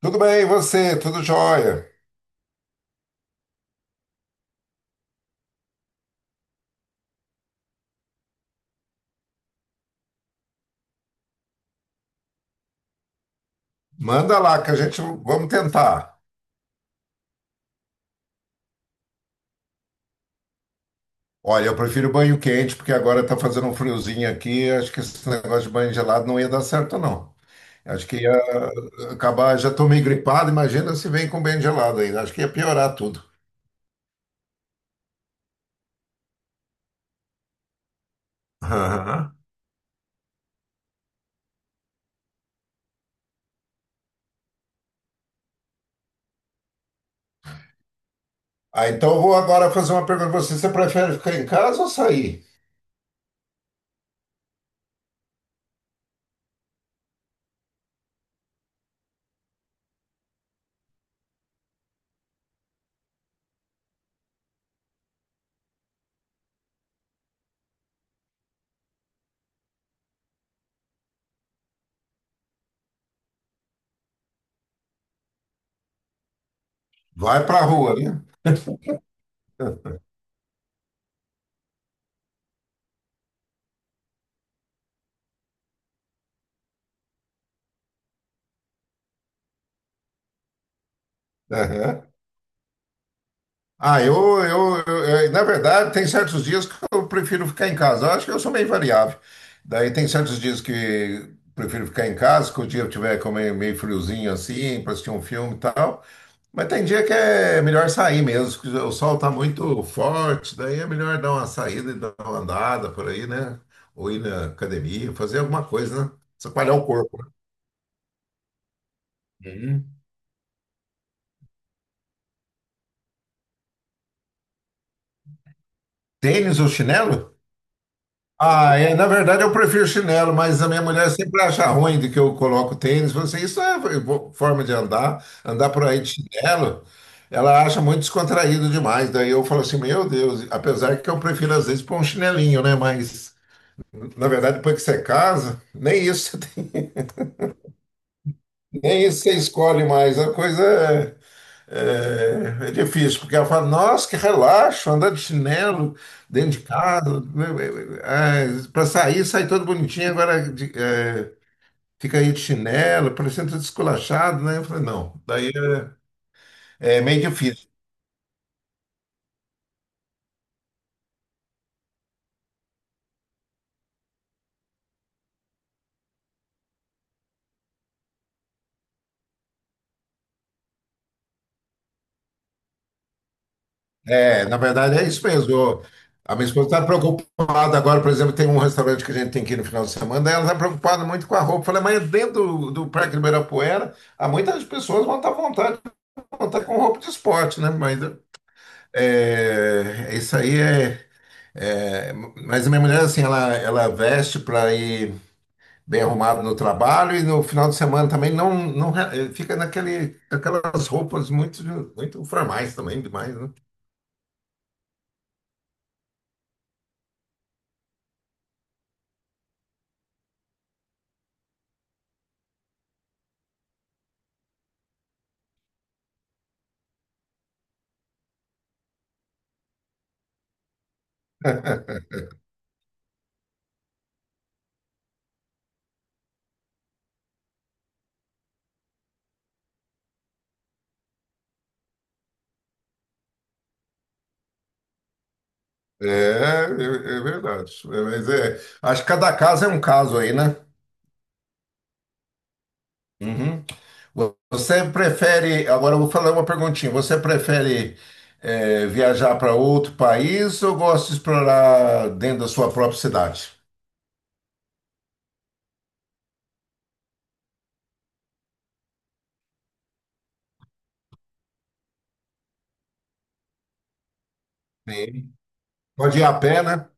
Tudo bem, e você? Tudo jóia? Manda lá que a gente vamos tentar. Olha, eu prefiro banho quente porque agora tá fazendo um friozinho aqui. Acho que esse negócio de banho gelado não ia dar certo, não. Acho que ia acabar. Já tô meio gripado, imagina se vem com banho gelado ainda. Acho que ia piorar tudo. Aham. Ah, então eu vou agora fazer uma pergunta pra você. Você prefere ficar em casa ou sair? Vai pra rua, né? Aham. Ah, na verdade, tem certos dias que eu prefiro ficar em casa. Eu acho que eu sou meio variável. Daí tem certos dias que prefiro ficar em casa, que o dia tiver como meio friozinho assim, para assistir um filme e tal. Mas tem dia que é melhor sair mesmo, que o sol tá muito forte, daí é melhor dar uma saída e dar uma andada por aí, né? Ou ir na academia, fazer alguma coisa, né? Espalhar o corpo. Né? Uhum. Tênis ou chinelo? Ah, é, na verdade eu prefiro chinelo, mas a minha mulher sempre acha ruim de que eu coloco tênis. Fala assim, isso é forma de andar, andar por aí de chinelo. Ela acha muito descontraído demais. Daí eu falo assim, meu Deus, apesar que eu prefiro às vezes pôr um chinelinho, né? Mas na verdade depois que você casa, nem isso, nem isso você escolhe mais. A coisa é É, é difícil, porque ela fala, nossa, que relaxo, andar de chinelo dentro de casa, para sair, sai todo bonitinho, fica aí de chinelo, parecendo todo esculachado, né? Eu falei, não, daí é meio difícil. É, na verdade é isso mesmo. A minha esposa está preocupada agora, por exemplo, tem um restaurante que a gente tem que ir no final de semana, daí ela está preocupada muito com a roupa. Eu falei, mas dentro do Parque Ibirapuera, há muitas pessoas vão estar à vontade, vão estar com roupa de esporte, né? Mas é, isso aí é, é, mas a minha mulher, assim, ela veste para ir bem arrumada no trabalho e no final de semana também não fica aquelas roupas muito formais também, demais, né? É, é, é verdade. É, mas é, acho que cada caso é um caso aí, né? Uhum. Você prefere, agora eu vou falar uma perguntinha. Você prefere viajar para outro país ou gosta de explorar dentro da sua própria cidade? Sim. Pode ir a pé, né?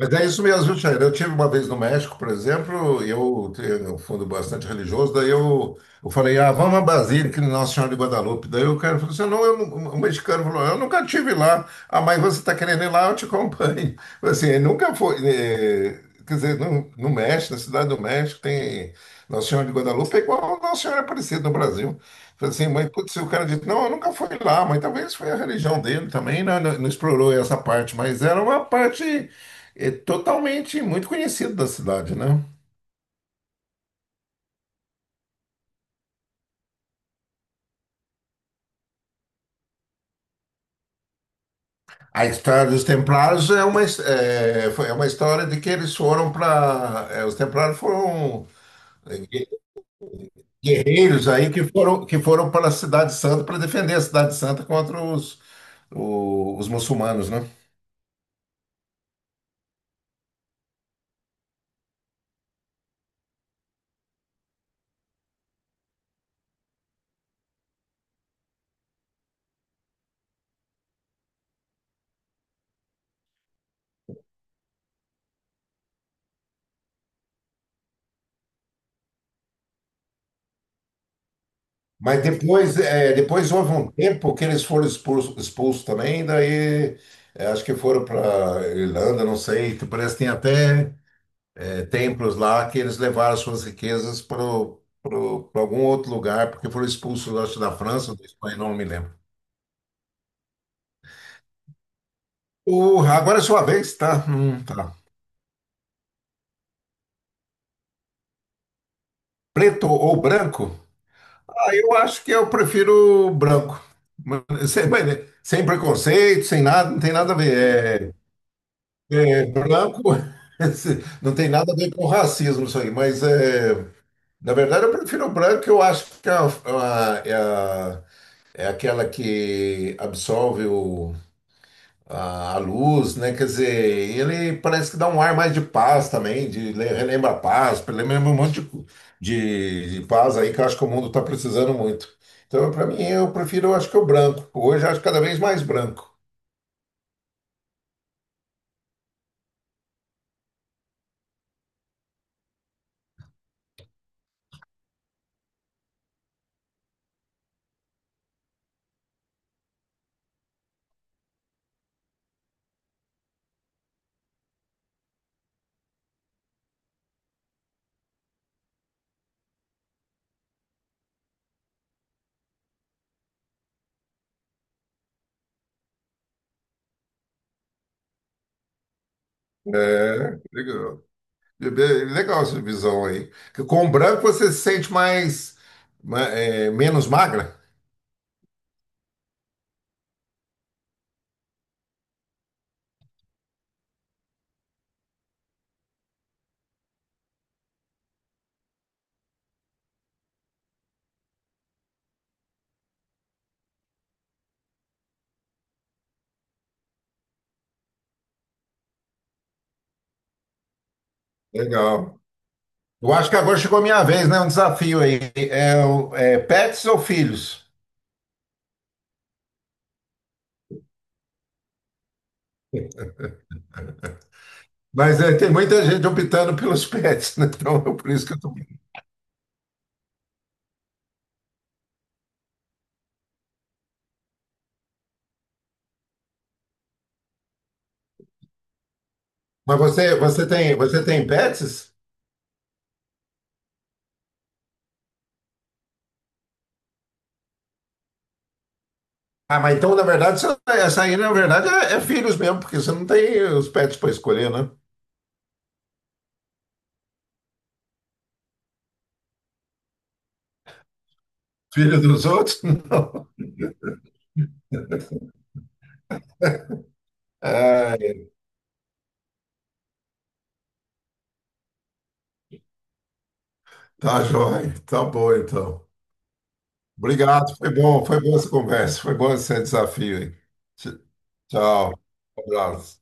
Mas é isso mesmo, viu, Chaira? Eu tive uma vez no México, por exemplo, eu tenho um fundo bastante religioso, eu falei, ah, vamos a Basílica de Nossa Senhora de Guadalupe. Daí o cara falou assim, não, eu, não- o mexicano falou, eu nunca tive lá. Ah, mas você está querendo ir lá, eu te acompanho. Assim, ele nunca foi, quer dizer, no México, na Cidade do México, tem Nossa Senhora de Guadalupe, é igual a Nossa Senhora Aparecida no Brasil. Falei assim, mas putz, o cara disse, não, eu nunca fui lá, mas talvez foi a religião dele também, né? Não, não explorou essa parte, mas era uma parte é totalmente muito conhecido da cidade, né? A história dos Templários é uma, his- é, foi- é uma história de que eles foram para. Os Templários foram é, gue- guerreiros aí que foram para a Cidade Santa para defender a Cidade Santa contra os muçulmanos, né? Mas depois, é, depois houve um tempo que eles foram expulsos também, daí é, acho que foram para Irlanda, não sei, que parece que tem até templos lá que eles levaram suas riquezas para algum outro lugar, porque foram expulsos eu acho, da França, da Espanha, não me lembro. O, agora é sua vez, tá? Tá. Preto ou branco? Ah, eu acho que eu prefiro branco. Mas, sem, mas, né, sem preconceito, sem nada, não tem nada a ver. Branco não tem nada a ver com racismo isso aí, mas é, na verdade eu prefiro o branco, eu acho que é aquela que absolve A a luz, né? Quer dizer, ele parece que dá um ar mais de paz também, relembra a paz, relembra um monte de paz aí que eu acho que o mundo está precisando muito. Então, para mim, eu prefiro, eu acho que o branco. Hoje, eu acho cada vez mais branco. É, legal. Legal essa visão aí. Que com o branco você se sente menos magra. Legal. Eu acho que agora chegou a minha vez, né? Um desafio aí. Pets ou filhos? Mas é, tem muita gente optando pelos pets, né? Então, é por isso que eu tô. Mas você tem pets? Ah, mas então, na verdade, essa aí, na verdade, é filhos mesmo, porque você não tem os pets para escolher, né? Filho dos outros? Não. É, tá joia. Tá bom, então. Obrigado, foi bom, foi boa essa conversa, foi bom esse desafio aí. Tch- Tchau. Um abraço.